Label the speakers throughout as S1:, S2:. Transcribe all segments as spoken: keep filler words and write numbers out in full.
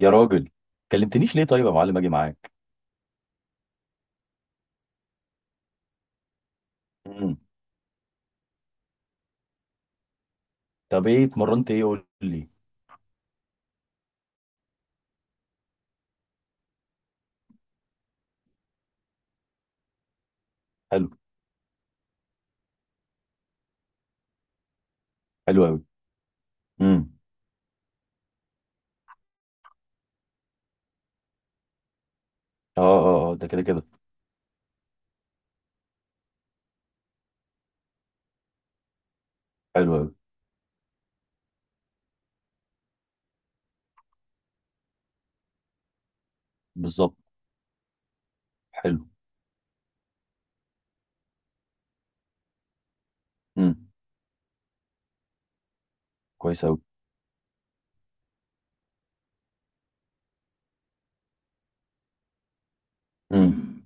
S1: يا راجل، كلمتنيش ليه؟ طيب يا معلم اجي معاك. امم طب ايه اتمرنت؟ ايه قول لي. حلو. حلو قوي. امم اه اه اه، ده كده كده. حلو قوي. بالظبط. حلو. امم كويس قوي. امم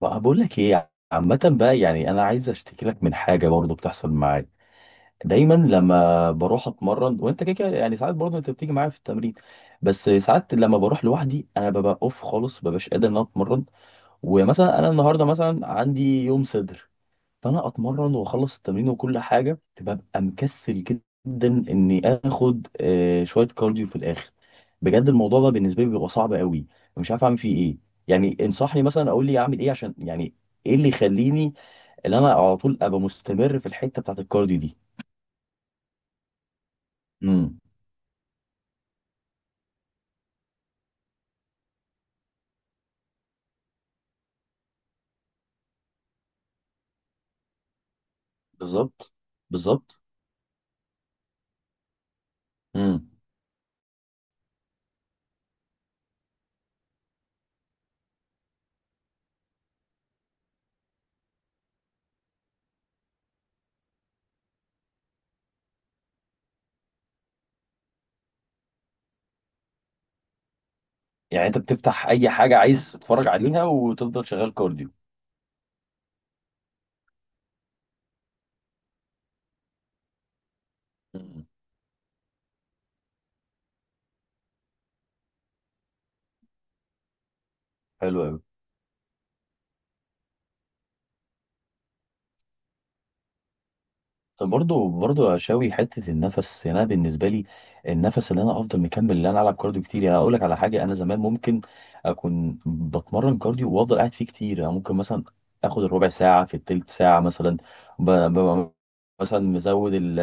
S1: بقى بقول لك ايه، عامة بقى يعني انا عايز اشتكي لك من حاجة برضو بتحصل معايا. دايما لما بروح اتمرن وانت كده كده، يعني ساعات برضو انت بتيجي معايا في التمرين، بس ساعات لما بروح لوحدي انا ببقى اوف خالص، مببقاش قادر ان انا اتمرن. ومثلا انا النهارده مثلا عندي يوم صدر، فانا اتمرن واخلص التمرين وكل حاجه ببقى مكسل جدا اني اخد آه، شويه كارديو في الاخر. بجد الموضوع ده بالنسبه لي بيبقى صعب قوي، مش عارف اعمل فيه ايه. يعني انصحني مثلا، اقول لي اعمل ايه عشان يعني ايه اللي يخليني ان انا على طول ابقى مستمر في الحته بتاعت الكارديو دي. امم بالظبط بالظبط. امم يعني انت بتفتح اي حاجه عايز تتفرج عليها وتفضل شغال كارديو؟ امم حلو قوي. طب برضه برضه يا شاوي، حته النفس، يعني انا بالنسبه لي النفس، اللي انا افضل مكمل اللي انا العب كارديو كتير. يعني اقول لك على حاجه، انا زمان ممكن اكون بتمرن كارديو وافضل قاعد فيه كتير، يعني ممكن مثلا اخد الربع ساعه في التلت ساعه مثلا. ب... ب... مثلا مزود ال...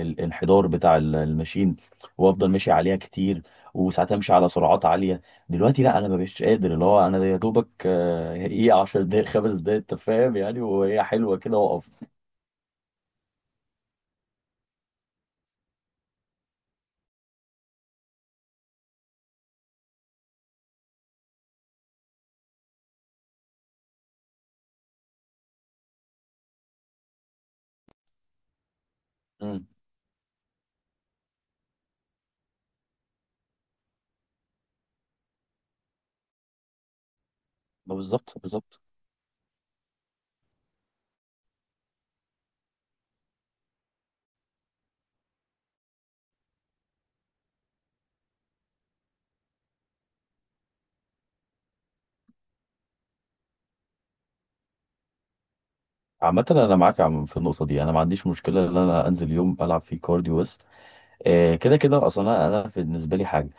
S1: الانحدار بتاع ال- الماشين، وافضل ماشي عليها كتير. وساعات امشي على سرعات عاليه. دلوقتي لا، انا ما بقتش قادر. اللي هو انا يا دوبك آه، ايه عشر دقايق، خمس دقايق، انت فاهم يعني، وهي حلوه كده واقف. ما بالظبط بالظبط. عامة أنا معاك يا عم في النقطة دي، أنا ما عنديش مشكلة إن أنا أنزل يوم ألعب فيه كارديو بس. آه، كده كده أصلا أنا أنا في- بالنسبة لي حاجة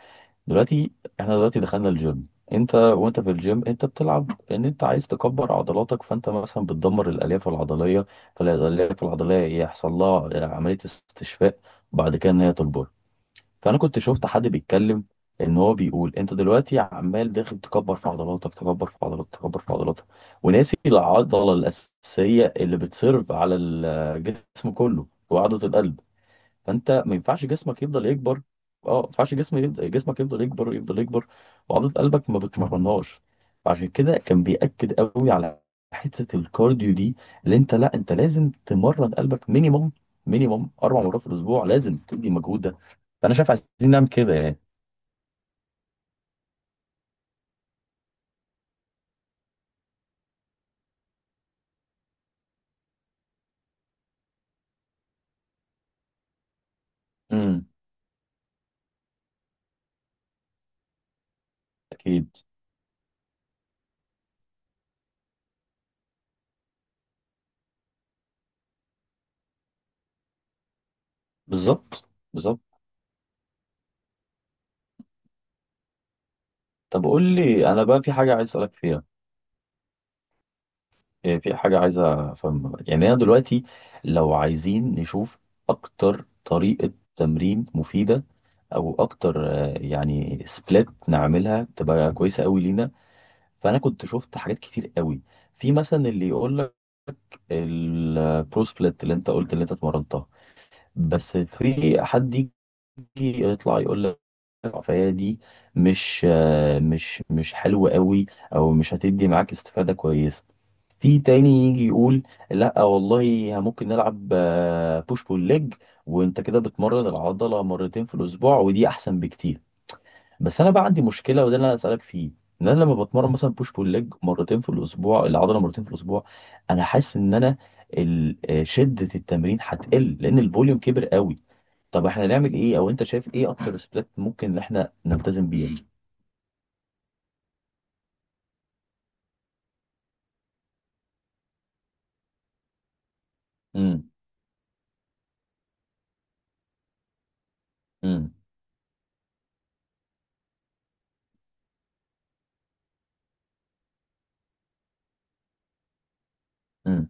S1: دلوقتي. إحنا دلوقتي دخلنا الجيم، أنت وأنت في الجيم أنت بتلعب إن أنت عايز تكبر عضلاتك، فأنت مثلا بتدمر الألياف العضلية. فالألياف العضلية يحصل لها آه، عملية استشفاء بعد كده إن هي تكبر. فانا كنت شفت حد بيتكلم، ان هو بيقول انت دلوقتي عمال داخل تكبر في عضلاتك، تكبر في عضلاتك، تكبر في عضلاتك، وناسي العضله الاساسيه اللي بتسيرف على الجسم كله وعضله القلب. فانت ما ينفعش جسمك يفضل يكبر. اه، ما ينفعش جسم يفضل جسمك يفضل يكبر يفضل يكبر، وعضله قلبك ما بتمرنهاش. فعشان كده كان بيأكد قوي على حته الكارديو دي، اللي انت لا، انت لازم تمرن قلبك مينيموم، مينيموم اربع مرات في الاسبوع، لازم تدي مجهود ده. فانا شايف عايزين نعمل كده يعني. امم اكيد. بالظبط بالظبط. طب قول لي انا بقى، في حاجه عايز اسالك فيها. إيه، في حاجة عايزة أفهم، يعني أنا دلوقتي لو عايزين نشوف أكتر طريقة تمرين مفيدة، أو أكتر آه، يعني سبليت نعملها تبقى كويسة أوي لينا. فأنا كنت شفت حاجات كتير أوي. في مثلا اللي يقول لك البرو سبليت اللي أنت قلت اللي أنت اتمرنتها. بس في حد يجي يطلع يقول لك فهي دي مش آه، مش مش حلوة أوي، أو مش هتدي معاك استفادة كويسة. في تاني يجي يقول لا والله، ممكن نلعب بوش بول ليج وانت كده بتمرن العضله مرتين في الاسبوع ودي احسن بكتير. بس انا بقى عندي مشكله وده اللي انا اسالك فيه، ان انا لما بتمرن مثلا بوش بول ليج مرتين في الاسبوع، العضله مرتين في الاسبوع، انا حاسس ان انا ال- آه، شده التمرين هتقل لان الفوليوم كبر قوي. طب احنا نعمل ايه؟ او انت شايف ايه اكتر سبلات ممكن ان احنا نلتزم بيها؟ امم امم امم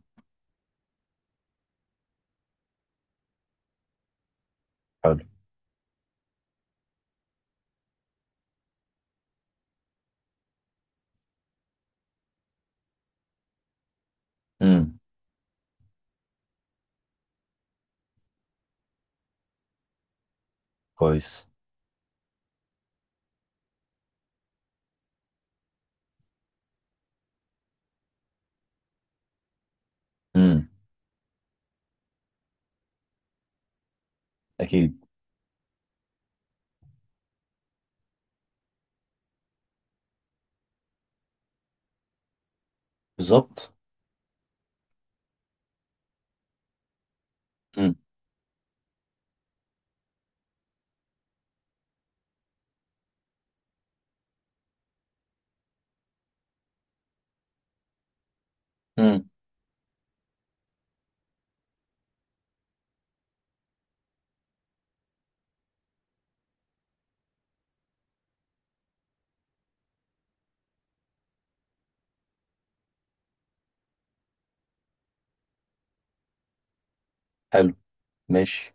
S1: حلو. امم كويس. امم اكيد. بالظبط. امم امم حلو. ماشي.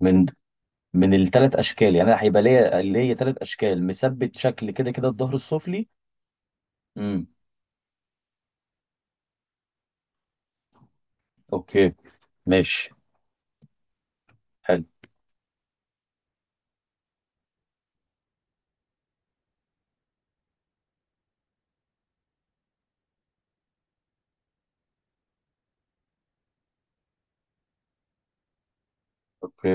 S1: من من التلات يعني؟ أنا هيبقى ليا ليا تلات مثبت شكل كده كده الظهر السفلي. امم اوكي. ماشي. حلو. اوكي.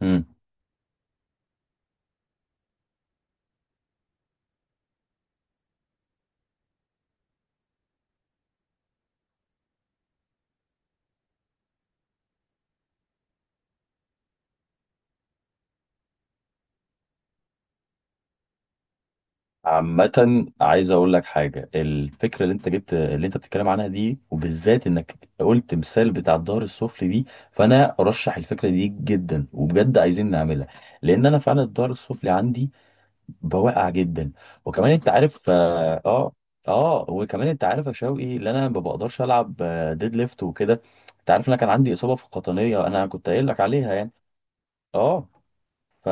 S1: امم عامة عايز اقول لك حاجة، الفكرة اللي انت جبت اللي انت بتتكلم عنها دي، وبالذات انك قلت مثال بتاع الظهر السفلي دي. فانا ارشح الفكرة دي جدا، وبجد عايزين نعملها، لان انا فعلا الظهر السفلي عندي بواقع جدا. وكمان انت عارف. اه اه. آه، وكمان انت عارف يا شوقي، ان انا ما بقدرش العب آه، ديد ليفت وكده. انت عارف ان انا كان عندي اصابه في القطنيه، انا كنت قايل لك عليها يعني. اه. ف.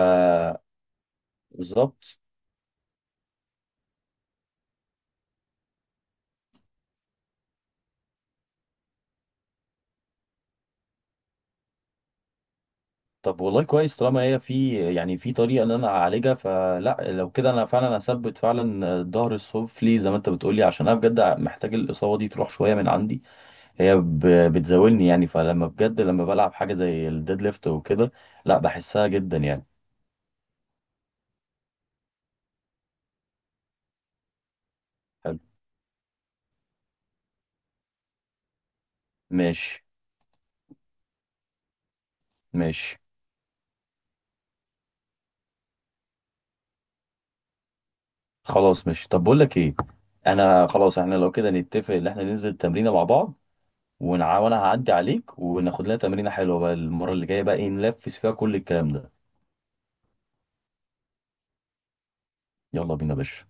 S1: بالظبط. طب والله كويس، طالما هي في يعني في طريقه ان انا اعالجها، فلا لو كده انا فعلا هثبت فعلا الظهر السفلي زي ما انت بتقولي، عشان انا بجد محتاج الاصابه دي تروح شويه من عندي. هي ب- بتزاولني يعني، فلما بجد لما بلعب حاجه زي الديد ليفت وكده، لا بحسها جدا يعني. حلو. ماشي. ماشي. خلاص ماشي. طب بقول لك ايه، انا خلاص احنا لو كده نتفق ان احنا ننزل تمرينه مع بعض، ونع... وانا هعدي عليك وناخد لنا تمرينه حلوه بقى، المره اللي جايه بقى ايه نلفس فيها كل الكلام ده. يلا بينا يا باشا.